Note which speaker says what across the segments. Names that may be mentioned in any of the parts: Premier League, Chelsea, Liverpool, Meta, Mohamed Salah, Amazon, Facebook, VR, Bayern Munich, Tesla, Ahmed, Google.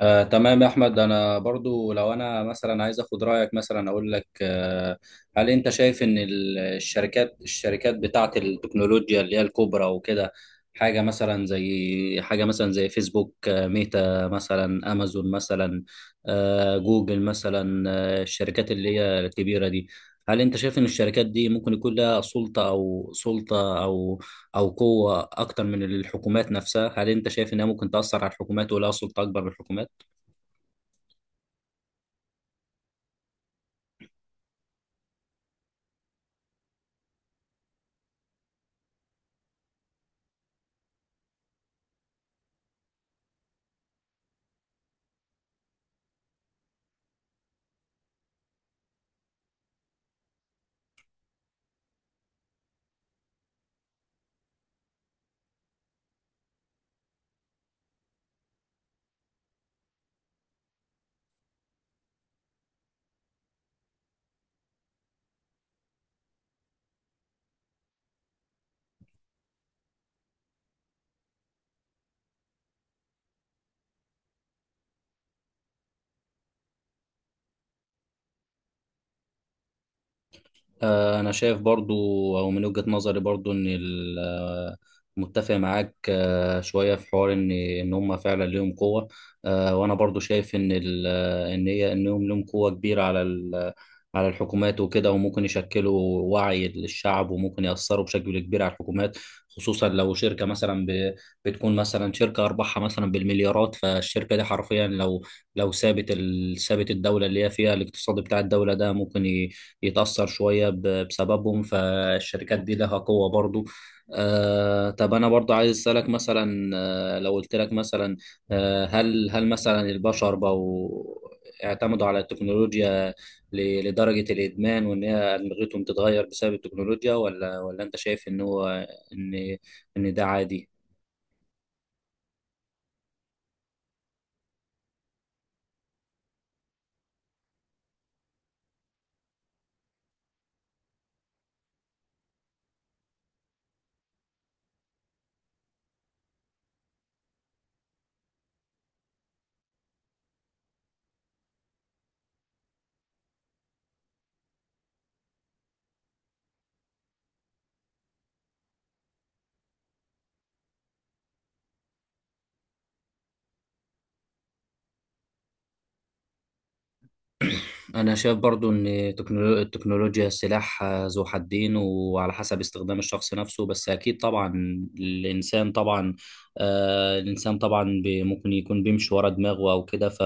Speaker 1: تمام يا احمد، انا برضو لو انا مثلا عايز اخد رايك مثلا اقول لك هل انت شايف ان الشركات بتاعه التكنولوجيا اللي هي الكبرى وكده؟ حاجه مثلا زي فيسبوك، ميتا مثلا، امازون مثلا، جوجل مثلا، الشركات اللي هي الكبيره دي، هل انت شايف ان الشركات دي ممكن يكون لها سلطه او قوه اكتر من الحكومات نفسها؟ هل انت شايف انها ممكن تاثر على الحكومات ولها سلطه اكبر من الحكومات؟ أنا شايف برضو، أو من وجهة نظري برضو، إن متفق معاك شوية في حوار، إن هم فعلا ليهم قوة. وأنا برضو شايف إن ال- آه، إن هي إنهم ليهم قوة كبيرة على على الحكومات وكده، وممكن يشكلوا وعي للشعب وممكن يأثروا بشكل كبير على الحكومات، خصوصا لو شركة مثلا بتكون مثلا شركة أرباحها مثلا بالمليارات. فالشركة دي حرفيا لو سابت سابت الدولة اللي هي فيها، الاقتصاد بتاع الدولة ده ممكن يتأثر شوية بسببهم. فالشركات دي لها قوة برضو. آه، طب أنا برضو عايز أسألك مثلا، آه، لو قلت لك مثلا، آه، هل مثلا البشر بقوا اعتمدوا على التكنولوجيا لدرجة الإدمان، وإن هي أدمغتهم تتغير بسبب التكنولوجيا؟ ولا أنت شايف إن هو، إن إن ده عادي؟ أنا شايف برضو إن التكنولوجيا سلاح ذو حدين وعلى حسب استخدام الشخص نفسه. بس أكيد طبعا الإنسان طبعا، الإنسان طبعا ممكن يكون بيمشي ورا دماغه أو كده، ف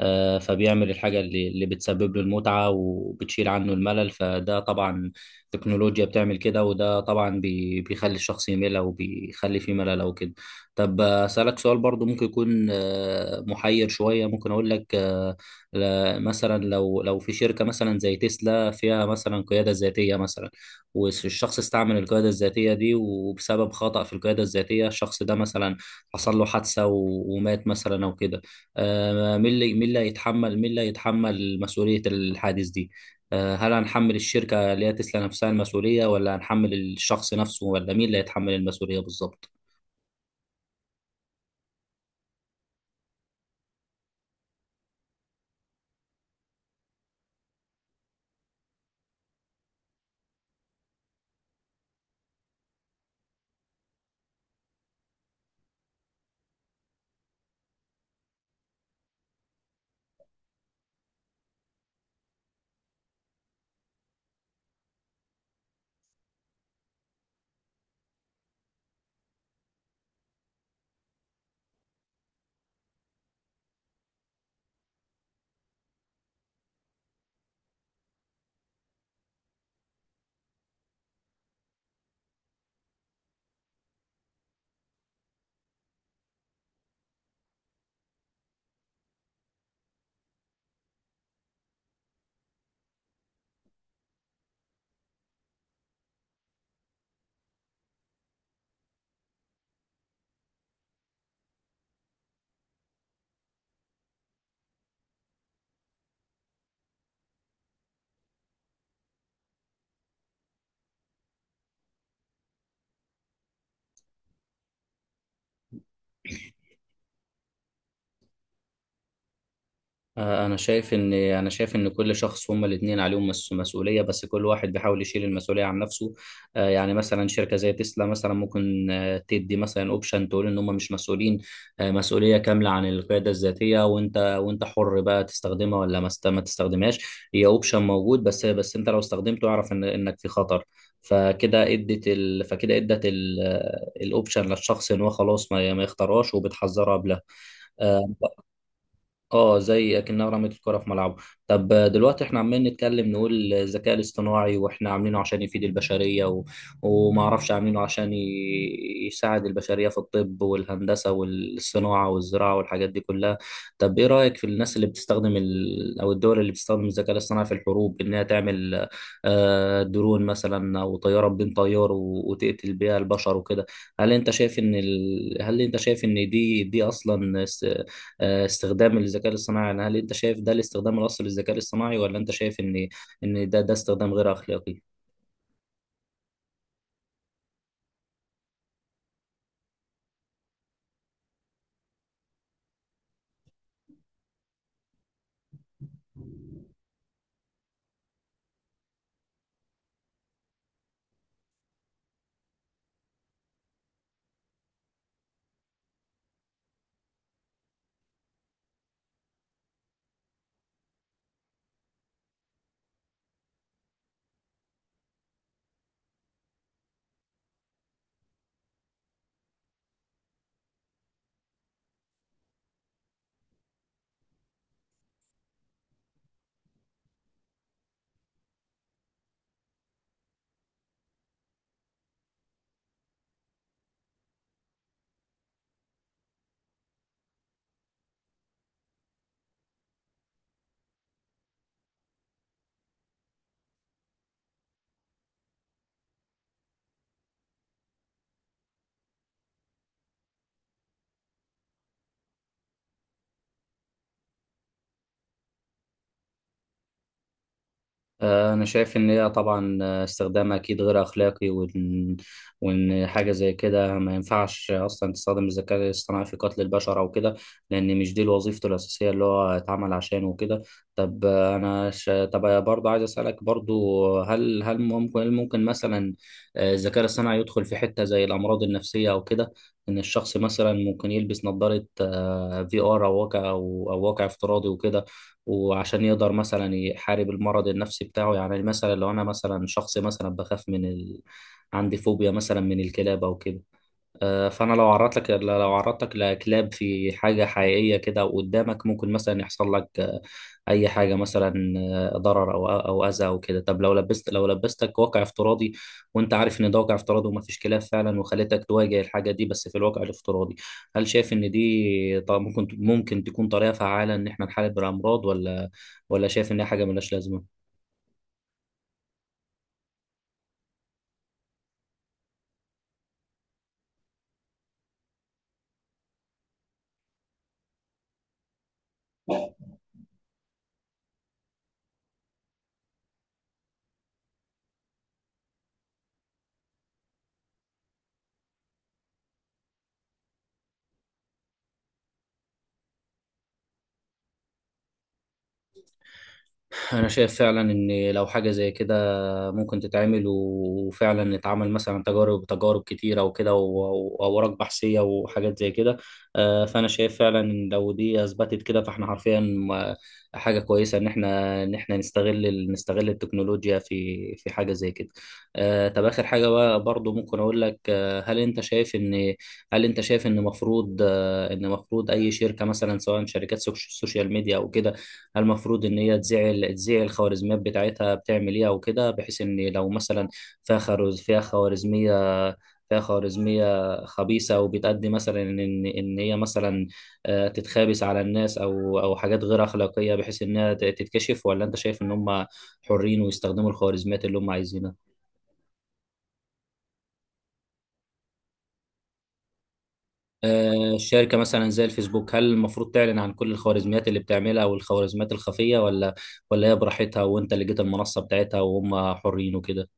Speaker 1: فبيعمل الحاجة اللي بتسبب له المتعة وبتشيل عنه الملل. فده طبعا التكنولوجيا بتعمل كده، وده طبعا بيخلي الشخص يمل أو بيخلي فيه ملل أو كده. طب أسألك سؤال برضو ممكن يكون آه محير شوية. ممكن أقول لك مثلا لو في شركه مثلا زي تسلا فيها مثلا قياده ذاتيه مثلا، والشخص استعمل القياده الذاتيه دي، وبسبب خطأ في القياده الذاتيه الشخص ده مثلا حصل له حادثه ومات مثلا او كده، مين اللي هيتحمل مسؤوليه الحادث دي؟ هل هنحمل الشركه اللي هي تسلا نفسها المسؤوليه، ولا هنحمل الشخص نفسه، ولا مين اللي هيتحمل المسؤوليه بالظبط؟ انا شايف ان كل شخص، هما الاثنين عليهم مسؤوليه، بس كل واحد بيحاول يشيل المسؤوليه عن نفسه. يعني مثلا شركه زي تسلا مثلا ممكن تدي مثلا اوبشن، تقول ان هم مش مسؤولين مسؤوليه كامله عن القياده الذاتيه، وانت حر بقى تستخدمها ولا ما تستخدمهاش. هي اوبشن موجود، بس انت لو استخدمته اعرف ان انك في خطر. فكده ادت ال... فكده ادت ال... الاوبشن للشخص ان هو خلاص ما يختارهاش وبتحذره قبلها. آه، اه، زي اكنها رمت الكره في ملعبه. طب دلوقتي احنا عمالين نتكلم نقول الذكاء الاصطناعي واحنا عاملينه عشان يفيد البشريه و... وما اعرفش عاملينه عشان يساعد البشريه في الطب والهندسه والصناعه والزراعه والحاجات دي كلها. طب ايه رايك في الناس اللي بتستخدم او الدول اللي بتستخدم الذكاء الاصطناعي في الحروب، انها تعمل درون مثلا او طياره بدون طيار وتقتل بيها البشر وكده؟ هل انت شايف ان دي اصلا استخدام الذكاء الاصطناعي؟ يعني هل انت شايف ده الاستخدام الاصلي للذكاء الاصطناعي، ولا انت شايف ان ده استخدام غير اخلاقي؟ أنا شايف إن هي طبعا استخدامها أكيد غير أخلاقي، وإن حاجة زي كده ما ينفعش أصلا تستخدم الذكاء الاصطناعي في قتل البشر أو كده، لأن مش دي وظيفته الأساسية اللي هو اتعمل عشانه وكده. طب آه، أنا ش... طب آه، برضه عايز أسألك برضه، هل ممكن مثلا الذكاء الاصطناعي يدخل في حتة زي الأمراض النفسية أو كده؟ إن الشخص مثلا ممكن يلبس نظارة في آر، أو واقع، أو واقع افتراضي وكده، وعشان يقدر مثلا يحارب المرض النفسي بتاعه. يعني مثلا لو انا مثلا شخص مثلا بخاف من عندي فوبيا مثلا من الكلاب او كده، فانا لو عرضت لك لكلاب في حاجه حقيقيه كده قدامك، ممكن مثلا يحصل لك اي حاجه مثلا، ضرر او اذى او كده. طب لو لبست لو لبستك واقع افتراضي، وانت عارف ان ده واقع افتراضي وما فيش كلاب فعلا، وخليتك تواجه الحاجه دي بس في الواقع الافتراضي، هل شايف ان دي، طب ممكن تكون طريقه فعاله ان احنا نحارب الامراض؟ ولا شايف ان هي حاجه ملهاش لازمه؟ انا شايف فعلا ان لو حاجه زي كده ممكن تتعمل، وفعلا اتعمل مثلا تجارب كتيرة وكده، وأوراق بحثية وحاجات زي كده. فأنا شايف فعلا إن لو دي أثبتت كده، فإحنا حرفيا حاجة كويسة إن إحنا نستغل نستغل التكنولوجيا في في حاجة زي كده. طب آخر حاجة بقى برضو، ممكن أقول لك هل أنت شايف إن مفروض إن مفروض أي شركة مثلا، سواء شركات سوشيال ميديا أو كده، هل المفروض ان هي تذيع الخوارزميات بتاعتها بتعمل ايه او كده، بحيث ان لو مثلا فيها خرز فيها خوارزميه فيها خوارزميه خبيثه، وبتأدي مثلا ان ان هي مثلا تتخابس على الناس او او حاجات غير اخلاقيه، بحيث انها تتكشف؟ ولا انت شايف ان هم حرين ويستخدموا الخوارزميات اللي هم عايزينها؟ الشركه مثلا زي الفيسبوك، هل المفروض تعلن عن كل الخوارزميات اللي بتعملها او الخوارزميات الخفيه؟ ولا هي براحتها، وانت اللي جيت المنصه بتاعتها وهم حرين وكده؟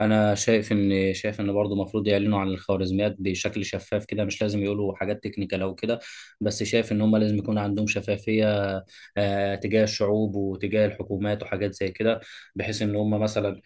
Speaker 1: انا شايف ان برضه المفروض يعلنوا عن الخوارزميات بشكل شفاف كده، مش لازم يقولوا حاجات تكنيكال او كده، بس شايف ان هم لازم يكون عندهم شفافيه تجاه الشعوب وتجاه الحكومات وحاجات زي كده، بحيث ان هم مثلا،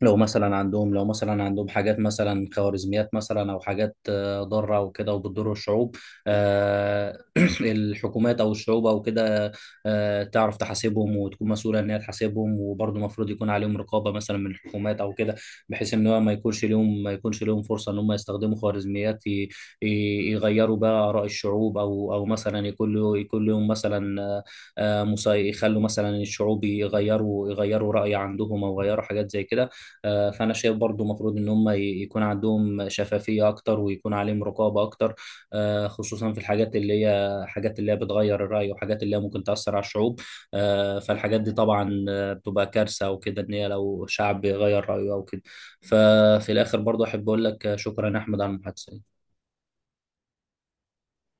Speaker 1: لو مثلا عندهم حاجات مثلا خوارزميات مثلا او حاجات ضاره وكده وبتضر الشعوب، آه، الحكومات او الشعوب او كده، تعرف تحاسبهم وتكون مسؤوله ان هي تحاسبهم. وبرضه المفروض يكون عليهم رقابه مثلا من الحكومات او كده، بحيث ان هو ما يكونش لهم فرصه ان هم يستخدموا خوارزميات يغيروا بقى اراء الشعوب، او او مثلا يكون لهم مثلا يخلوا مثلا الشعوب يغيروا راي عندهم، او يغيروا حاجات زي كده. فانا شايف برضو مفروض ان هم يكون عندهم شفافيه اكتر، ويكون عليهم رقابه اكتر، خصوصا في الحاجات اللي هي بتغير الراي، وحاجات اللي هي ممكن تاثر على الشعوب. فالحاجات دي طبعا بتبقى كارثه وكده ان هي لو شعب بيغير رايه او كده. ففي الاخر برضو احب اقول لك شكرا يا احمد على المحادثه.